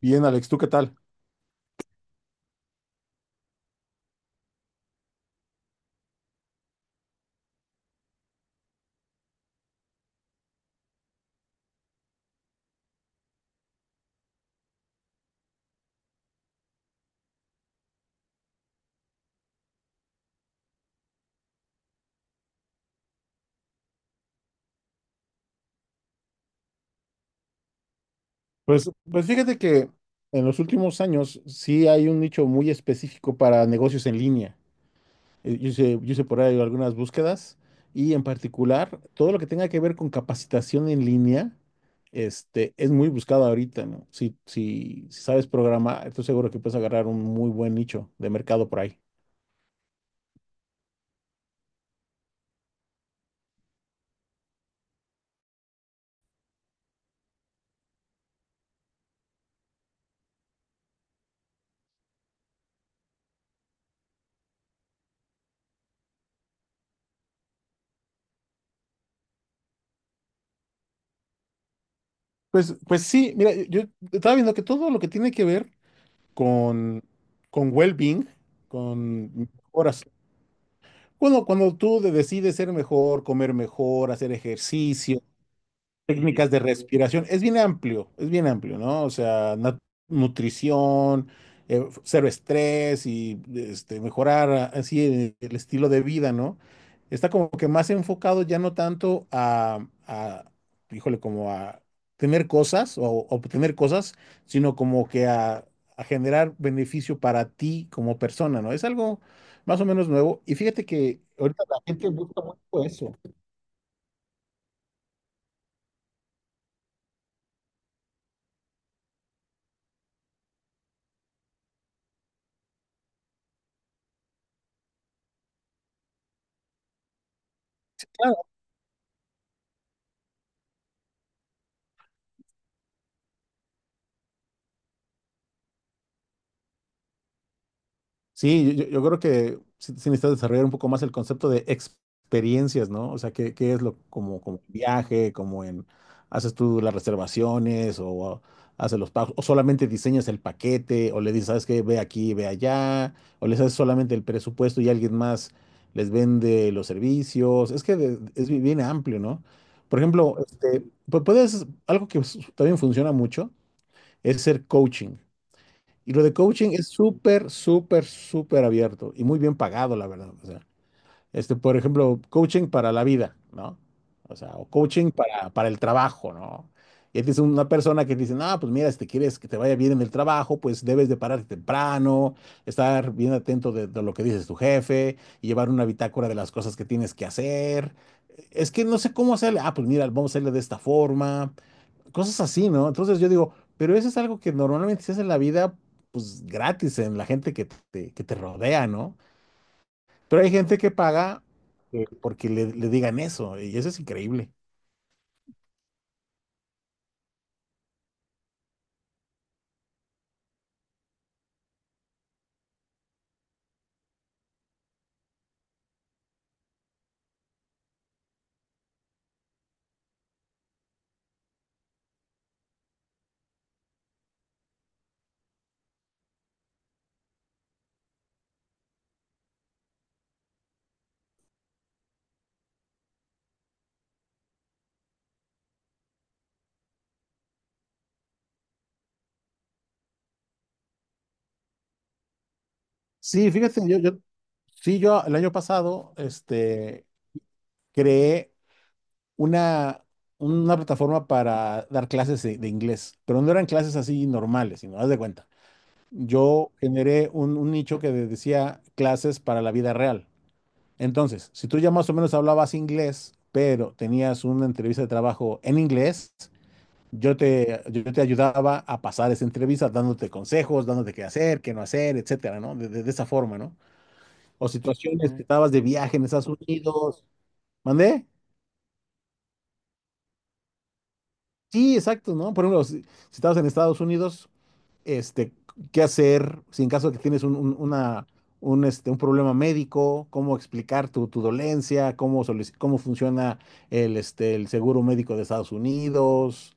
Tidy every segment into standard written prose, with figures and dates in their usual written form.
Bien, Alex, ¿tú qué tal? Pues fíjate que en los últimos años sí hay un nicho muy específico para negocios en línea. Yo hice por ahí algunas búsquedas y en particular todo lo que tenga que ver con capacitación en línea es muy buscado ahorita, ¿no? Si sabes programar, estoy seguro que puedes agarrar un muy buen nicho de mercado por ahí. Pues sí, mira, yo estaba viendo que todo lo que tiene que ver con, con well-being, con mejoras. Cuando tú decides ser mejor, comer mejor, hacer ejercicio, técnicas de respiración. Es bien amplio, es bien amplio, ¿no? O sea, nutrición, cero estrés y mejorar así el estilo de vida, ¿no? Está como que más enfocado ya no tanto a híjole, como a tener cosas o obtener cosas, sino como que a generar beneficio para ti como persona, ¿no? Es algo más o menos nuevo. Y fíjate que ahorita la gente busca mucho eso. Sí, yo creo que sí, sí necesitas desarrollar un poco más el concepto de experiencias, ¿no? O sea, ¿qué es lo como, como viaje, como en haces tú las reservaciones o haces los pagos, o solamente diseñas el paquete, o le dices, ¿sabes qué? Ve aquí, ve allá, o les haces solamente el presupuesto y alguien más les vende los servicios? Es que es bien amplio, ¿no? Por ejemplo, puedes, algo que también funciona mucho es ser coaching. Y lo de coaching es súper, súper, súper abierto y muy bien pagado, la verdad. O sea, por ejemplo, coaching para la vida, ¿no? O sea, o coaching para el trabajo, ¿no? Y es una persona que dice, no, pues mira, si te quieres que te vaya bien en el trabajo, pues debes de pararte temprano, estar bien atento de lo que dices tu jefe, y llevar una bitácora de las cosas que tienes que hacer. Es que no sé cómo hacerle. Ah, pues mira, vamos a hacerle de esta forma. Cosas así, ¿no? Entonces yo digo, pero eso es algo que normalmente se hace en la vida, pues gratis, en la gente que que te rodea, ¿no? Pero hay gente que paga porque le digan eso, y eso es increíble. Sí, fíjate, sí, yo el año pasado, creé una, una plataforma para dar clases de inglés, pero no eran clases así normales, sino, haz de cuenta. Yo generé un nicho que decía clases para la vida real. Entonces, si tú ya más o menos hablabas inglés, pero tenías una entrevista de trabajo en inglés, yo te ayudaba a pasar esa entrevista dándote consejos, dándote qué hacer, qué no hacer, etcétera, ¿no? De esa forma, ¿no? O situaciones que estabas de viaje en Estados Unidos. ¿Mandé? Sí, exacto, ¿no? Por ejemplo, si estabas en Estados Unidos, este, qué hacer, si en caso de que tienes una, un problema médico, cómo explicar tu dolencia, cómo, cómo funciona el seguro médico de Estados Unidos,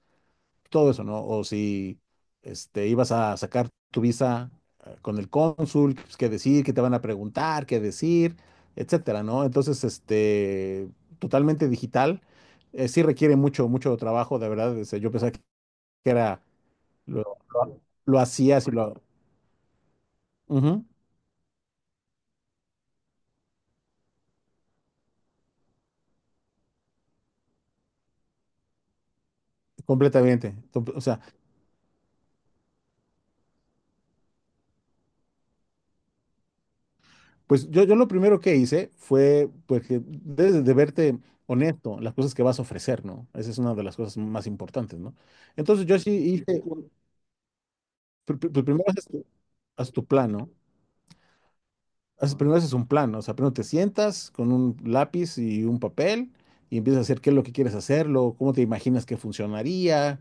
todo eso, ¿no? O si ibas a sacar tu visa con el cónsul, pues, qué decir, qué te van a preguntar, qué decir, etcétera, ¿no? Entonces, totalmente digital, sí requiere mucho, mucho trabajo, de verdad. O sea, yo pensaba que era... lo hacías y lo... Ujú, completamente. O sea, pues yo lo primero que hice fue, pues que debes de verte honesto, las cosas que vas a ofrecer, ¿no? Esa es una de las cosas más importantes, ¿no? Entonces yo sí hice, primero haces haz tu plan, ¿no? Primero haces un plan, ¿no? O sea, primero te sientas con un lápiz y un papel y empiezas a hacer qué es lo que quieres hacerlo, cómo te imaginas que funcionaría.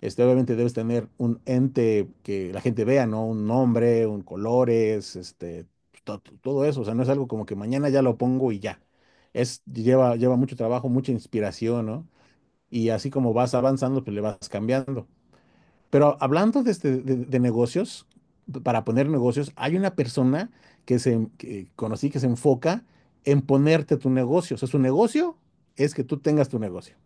Obviamente debes tener un ente que la gente vea, ¿no? Un nombre, un colores, todo eso. O sea, no es algo como que mañana ya lo pongo y ya. Es, lleva, lleva mucho trabajo, mucha inspiración, ¿no? Y así como vas avanzando, pues le vas cambiando. Pero hablando de, de negocios, para poner negocios, hay una persona que conocí que se enfoca en ponerte tu negocio. O sea, su negocio es que tú tengas tu negocio.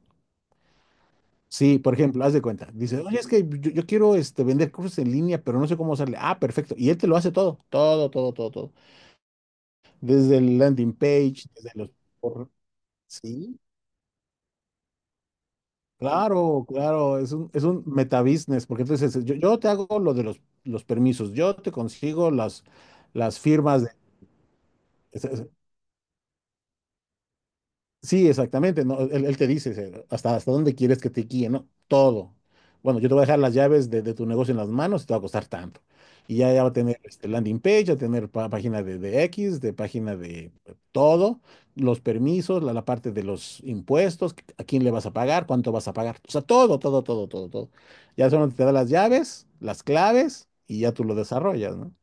Sí, por ejemplo, haz de cuenta. Dice, oye, es que yo quiero este, vender cursos en línea, pero no sé cómo hacerle. Ah, perfecto. Y él te lo hace todo, todo, todo, todo, todo. Desde el landing page, desde los... por- Sí, claro, claro, es es un metabusiness, porque entonces yo te hago lo de los permisos, yo te consigo las firmas de... Sí, exactamente, ¿no? Él te dice hasta dónde quieres que te guíe, ¿no? Todo. Bueno, yo te voy a dejar las llaves de tu negocio en las manos y te va a costar tanto. Y ya, ya va a tener este, landing page, va a tener página de X, de página de todo, los permisos, la parte de los impuestos, a quién le vas a pagar, cuánto vas a pagar. O sea, todo, todo, todo, todo, todo. Ya solo te da las llaves, las claves y ya tú lo desarrollas, ¿no?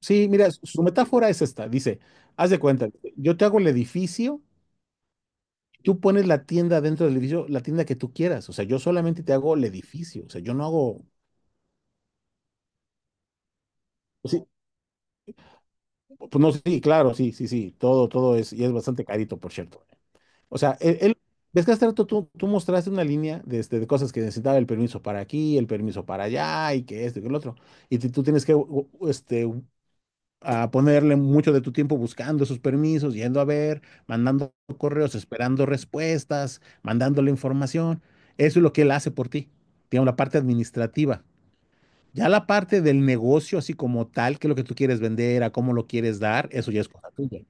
Sí, mira, su metáfora es esta. Dice, haz de cuenta, yo te hago el edificio. Tú pones la tienda dentro del edificio, la tienda que tú quieras. O sea, yo solamente te hago el edificio. O sea, yo no hago. Sí, pues no, sí, claro, sí, sí, sí. Todo, todo es, y es bastante carito, por cierto. O sea, ves que hace rato tú mostraste una línea de, de cosas que necesitaba el permiso para aquí, el permiso para allá, y que esto y que el otro. Y tú tienes que u- u- este, a ponerle mucho de tu tiempo buscando esos permisos, yendo a ver, mandando correos, esperando respuestas, mandándole información. Eso es lo que él hace por ti. Digamos, la parte administrativa. Ya la parte del negocio, así como tal, qué es lo que tú quieres vender, a cómo lo quieres dar, eso ya es cosa tuya.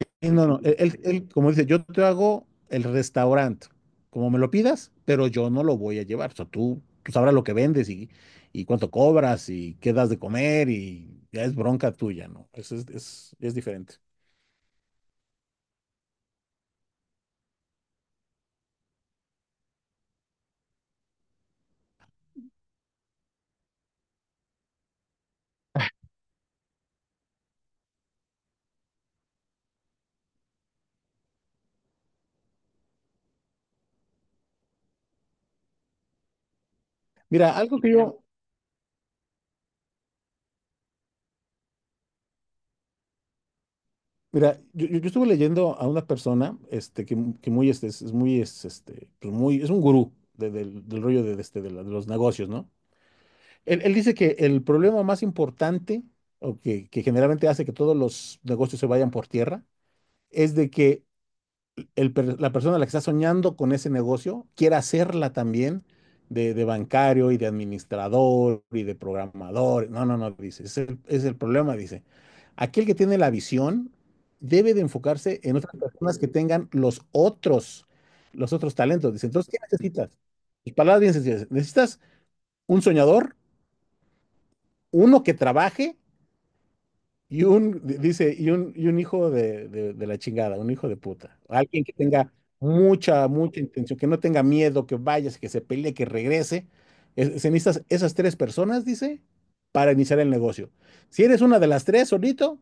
Sí. No, no, él, como dice, yo te hago el restaurante, como me lo pidas, pero yo no lo voy a llevar. O sea, tú sabrás lo que vendes y cuánto cobras y qué das de comer y ya es bronca tuya, ¿no? Es diferente. Mira, algo que yo, mira, yo- yo estuve leyendo a una persona, este, que, mu- que muy, este, es muy, es, este, pues muy, es un gurú del rollo de este, de la- de los negocios, ¿no? Él dice que el problema más importante, o que generalmente hace que todos los negocios se vayan por tierra, es de que la persona a la que está soñando con ese negocio quiera hacerla también de bancario y de administrador y de programador. No, no, no, dice, es es el problema, dice. Aquel que tiene la visión debe de enfocarse en otras personas que tengan los otros talentos. Dice, entonces, ¿qué necesitas? Sus palabras bien sencillas. Necesitas un soñador, uno que trabaje. Dice, y un hijo de, de la chingada, un hijo de puta. Alguien que tenga mucha, mucha intención, que no tenga miedo, que vaya, que se pelee, que regrese. Se necesitan esas tres personas, dice, para iniciar el negocio. Si eres una de las tres solito,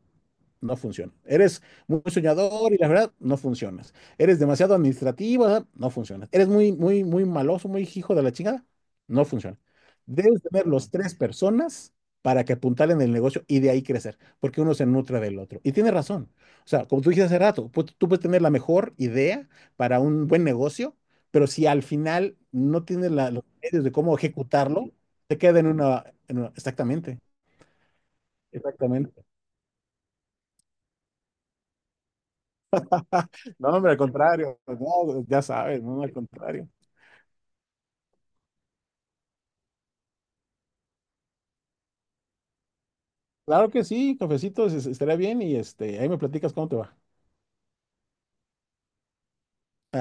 no funciona. Eres muy soñador y la verdad, no funcionas. Eres demasiado administrativo, la verdad, no funciona. Eres muy, muy, muy maloso, muy hijo de la chingada, no funciona. Debes tener los tres personas para que apuntalen el negocio y de ahí crecer, porque uno se nutre del otro. Y tiene razón. O sea, como tú dijiste hace rato, tú puedes tener la mejor idea para un buen negocio, pero si al final no tienes los medios de cómo ejecutarlo, te queda en una, exactamente, exactamente. No, hombre, al contrario, no, ya sabes, no, al contrario. Claro que sí, cafecito, estaría bien y este, ahí me platicas cómo te va.